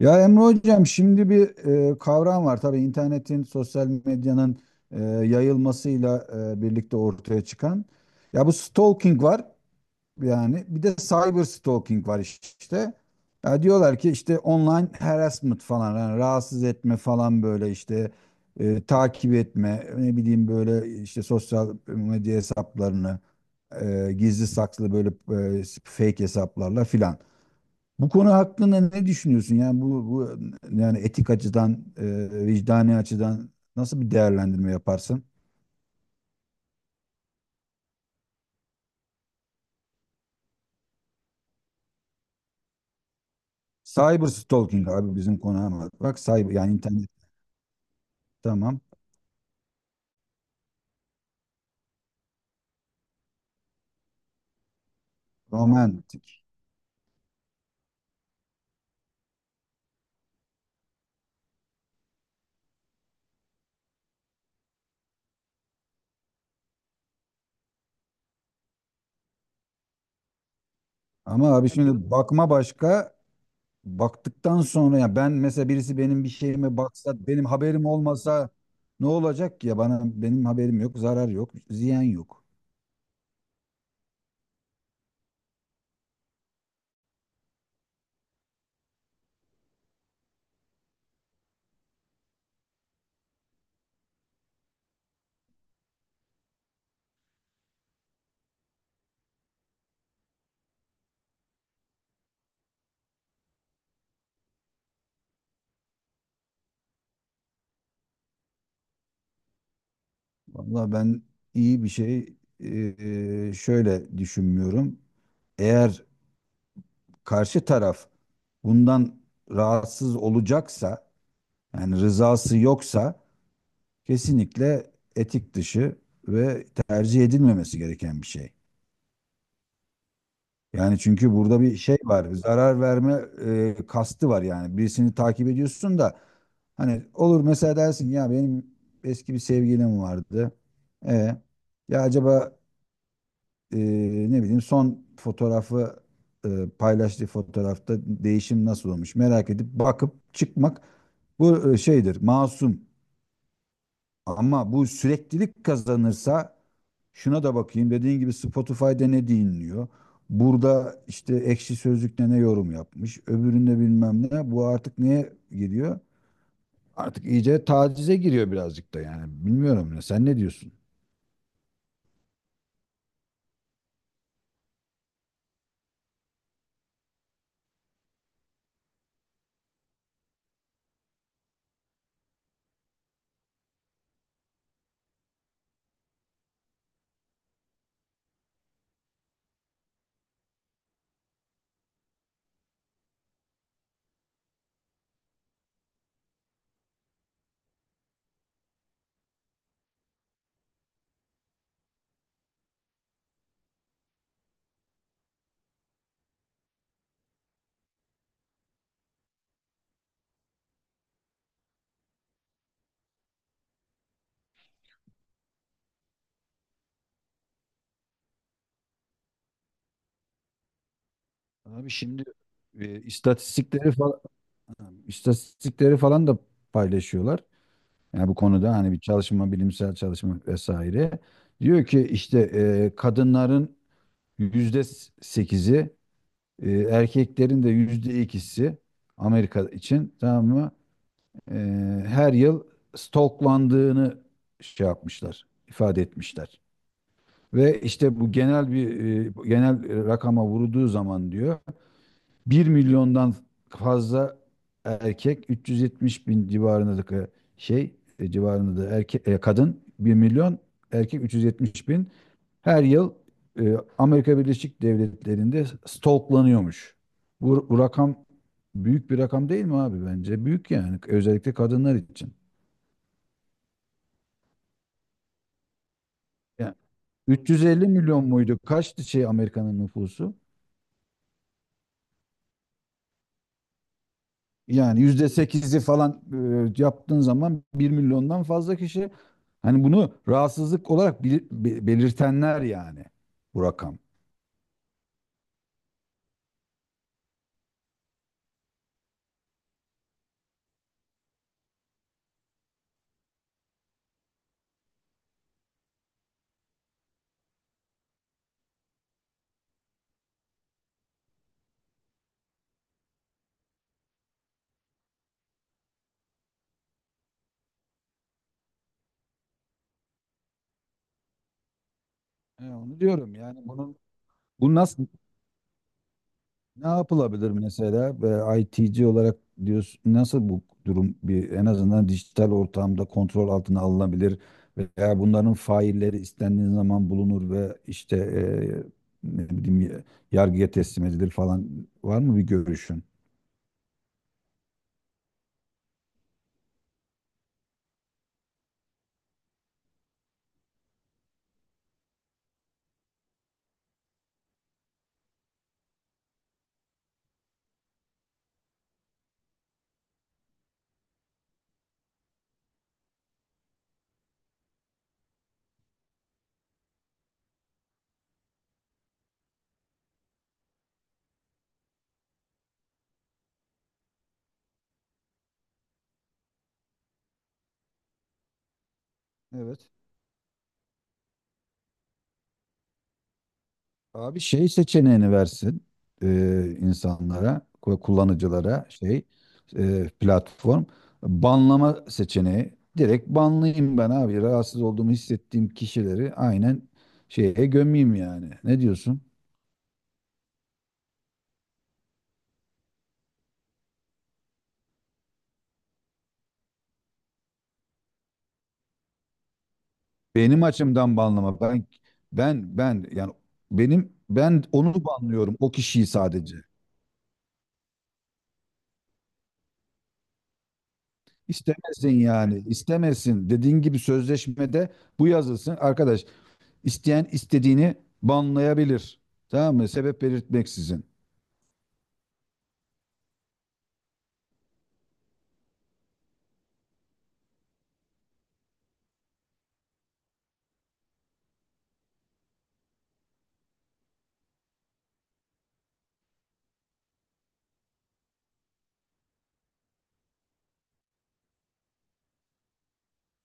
Ya Emre Hocam şimdi bir kavram var. Tabii internetin, sosyal medyanın yayılmasıyla birlikte ortaya çıkan. Ya bu stalking var, yani bir de cyber stalking var işte. Ya diyorlar ki işte online harassment falan, yani rahatsız etme falan, böyle işte takip etme, ne bileyim, böyle işte sosyal medya hesaplarını gizli saklı, böyle fake hesaplarla filan. Bu konu hakkında ne düşünüyorsun? Yani bu yani etik açıdan, vicdani açıdan nasıl bir değerlendirme yaparsın? Cyber stalking abi bizim konu ama bak, cyber yani internet. Tamam. Romantik. Ama abi şimdi bakma, başka baktıktan sonra, ya ben mesela birisi benim bir şeyime baksa, benim haberim olmasa, ne olacak ki ya? Bana benim haberim yok, zarar yok, ziyan yok. Vallahi ben iyi bir şey şöyle düşünmüyorum. Eğer karşı taraf bundan rahatsız olacaksa, yani rızası yoksa, kesinlikle etik dışı ve tercih edilmemesi gereken bir şey. Yani çünkü burada bir şey var, zarar verme kastı var yani. Birisini takip ediyorsun da hani, olur mesela dersin ya benim eski bir sevgilim vardı. E, ya acaba e, ne bileyim, son fotoğrafı e, paylaştığı fotoğrafta değişim nasıl olmuş merak edip bakıp çıkmak, bu şeydir, masum. Ama bu süreklilik kazanırsa, şuna da bakayım dediğin gibi, Spotify'da ne dinliyor, burada işte Ekşi Sözlük'te ne yorum yapmış, öbüründe bilmem ne, bu artık neye giriyor, artık iyice tacize giriyor birazcık da. Yani bilmiyorum ya, sen ne diyorsun? Abi şimdi istatistikleri falan. Tamam. İstatistikleri falan da paylaşıyorlar. Yani bu konuda hani bir çalışma, bilimsel çalışma vesaire. Diyor ki işte kadınların %8'i, erkeklerin de %2'si, Amerika için, tamam mı? E, her yıl stalklandığını şey yapmışlar, ifade etmişler. Ve işte bu genel bir genel rakama vurulduğu zaman diyor, bir milyondan fazla erkek, 370 bin civarındaki şey, civarında da erkek, kadın bir milyon, erkek 370 bin her yıl Amerika Birleşik Devletleri'nde stalklanıyormuş. Bu rakam büyük bir rakam değil mi abi, bence? Büyük yani, özellikle kadınlar için. Yani 350 milyon muydu, kaçtı şey Amerika'nın nüfusu? Yani %8'i falan yaptığın zaman, bir milyondan fazla kişi hani bunu rahatsızlık olarak belirtenler yani, bu rakam. Onu diyorum yani, bunun bu nasıl, ne yapılabilir mesela? E, ITC olarak diyorsun, nasıl bu durum bir en azından dijital ortamda kontrol altına alınabilir, veya bunların failleri istendiği zaman bulunur ve işte ne bileyim, yargıya teslim edilir falan? Var mı bir görüşün? Evet. Abi şey seçeneğini versin insanlara, kullanıcılara, şey, platform, banlama seçeneği. Direkt banlayayım ben abi. Rahatsız olduğumu hissettiğim kişileri aynen şeye gömeyim yani. Ne diyorsun? Benim açımdan banlama. Ben yani, benim, ben onu banlıyorum o kişiyi sadece. İstemesin yani, istemesin. Dediğin gibi sözleşmede bu yazılsın. Arkadaş, İsteyen istediğini banlayabilir. Tamam mı? Sebep belirtmeksizin.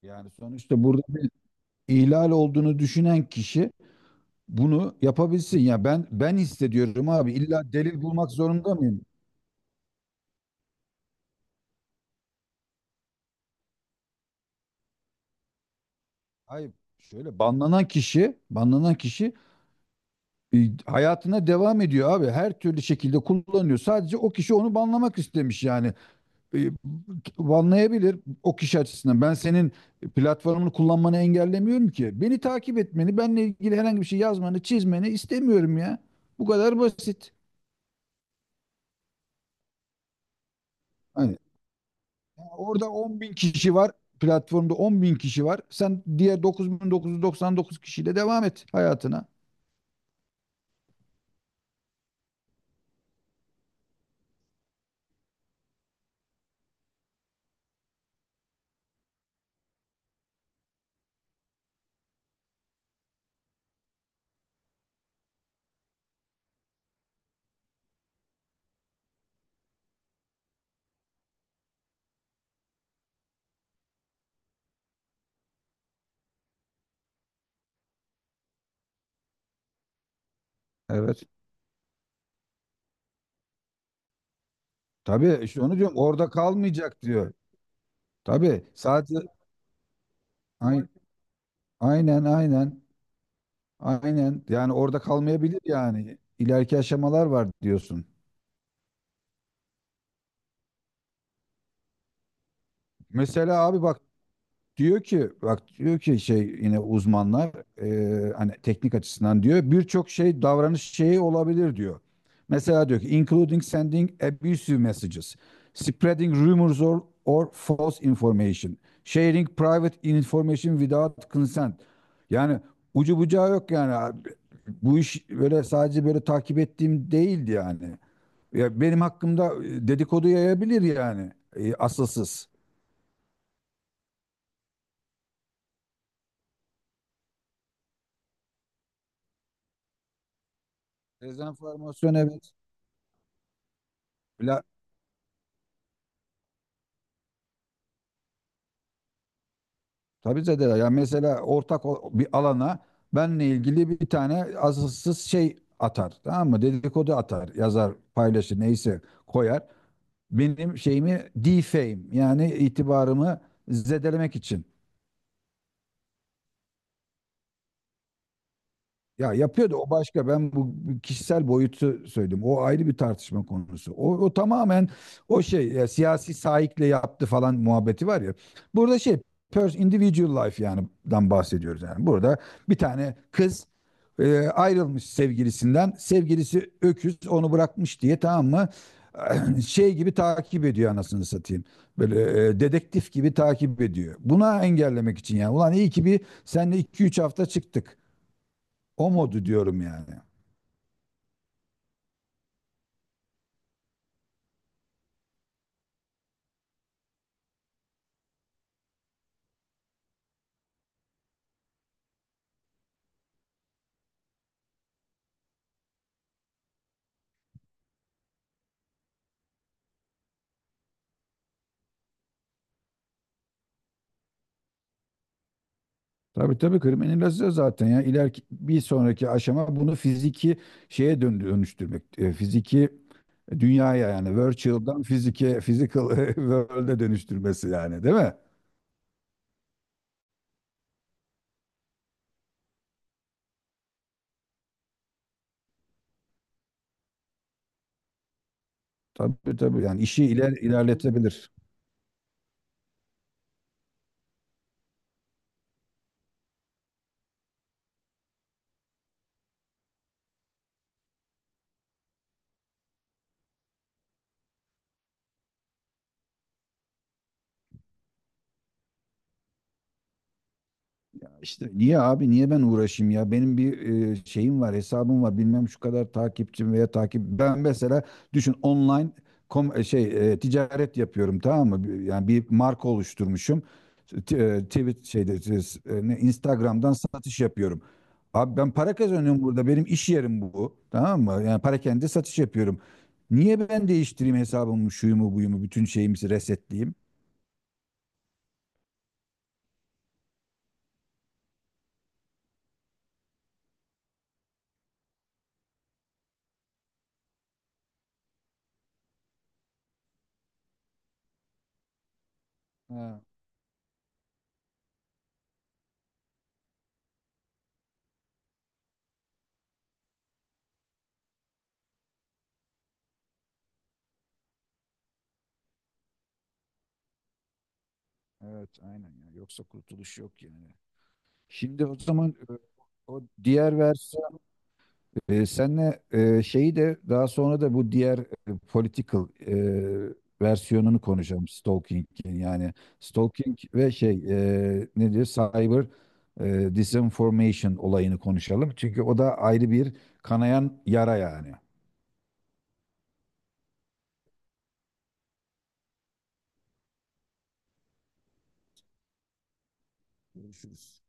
Yani sonuçta burada bir ihlal olduğunu düşünen kişi bunu yapabilsin. Ya ben hissediyorum abi. İlla delil bulmak zorunda mıyım? Hayır. Şöyle, banlanan kişi e, hayatına devam ediyor abi. Her türlü şekilde kullanıyor. Sadece o kişi onu banlamak istemiş yani. e, banlayabilir o kişi açısından. Ben senin platformunu kullanmanı engellemiyorum ki. Beni takip etmeni, benle ilgili herhangi bir şey yazmanı, çizmeni istemiyorum ya. Bu kadar basit. Hani orada 10 bin kişi var. Platformda 10 bin kişi var. Sen diğer 9.999 kişiyle devam et hayatına. Evet. Tabii, işte onu diyorum. Orada kalmayacak diyor. Tabii. Sadece Ay- aynen, aynen. Aynen. Yani orada kalmayabilir yani. İleriki aşamalar var diyorsun. Mesela abi bak, diyor ki, bak diyor ki, şey, yine uzmanlar hani teknik açısından diyor, birçok şey, davranış şeyi olabilir diyor. Mesela diyor ki, including sending abusive messages, spreading rumors or false information, sharing private information without consent. Yani ucu bucağı yok yani abi. Bu iş böyle sadece böyle takip ettiğim değildi yani. Ya benim hakkımda dedikodu yayabilir yani, asılsız. Dezenformasyon, evet. Bla, tabii zedeler. Yani mesela ortak bir alana benle ilgili bir tane asılsız şey atar. Tamam mı? Dedikodu atar, yazar, paylaşır, neyse koyar. Benim şeyimi defame yani, itibarımı zedelemek için. Ya yapıyordu, o başka. Ben bu kişisel boyutu söyledim. O ayrı bir tartışma konusu. O tamamen o şey ya, siyasi saikle yaptı falan muhabbeti var ya. Burada şey, pers individual life yani, dan bahsediyoruz yani. Burada bir tane kız ayrılmış sevgilisinden. Sevgilisi öküz onu bırakmış diye, tamam mı? Şey gibi takip ediyor, anasını satayım. Böyle dedektif gibi takip ediyor. Buna engellemek için yani. Ulan iyi ki bir seninle 2-3 hafta çıktık. O modu diyorum yani. Tabii, tabii, kriminalize zaten ya. İleriki bir sonraki aşama, bunu fiziki dönüştürmek. Fiziki dünyaya yani, virtual'dan fizike, physical world'e dönüştürmesi yani, değil mi? Tabii, tabii, yani işi ilerletebilir. İşte niye abi, niye ben uğraşayım ya? Benim bir şeyim var, hesabım var, bilmem şu kadar takipçim. Veya takip, ben mesela düşün, online kom, e, şey e, ticaret yapıyorum, tamam mı? Yani bir marka oluşturmuşum, tweet şeyde siz, Instagram'dan satış yapıyorum abi, ben para kazanıyorum burada, benim iş yerim bu, tamam mı? Yani parakende satış yapıyorum, niye ben değiştireyim hesabımı, şuyumu buyumu, bütün şeyimizi resetleyeyim? Ha. Evet, aynen ya. Yoksa kurtuluş yok yani. Şimdi o zaman o diğer versiyon, senle şeyi de daha sonra, da bu diğer political e, versiyonunu konuşalım stalking'in yani, stalking ve şey, ne diyor, cyber disinformation olayını konuşalım. Çünkü o da ayrı bir kanayan yara yani. Görüşürüz.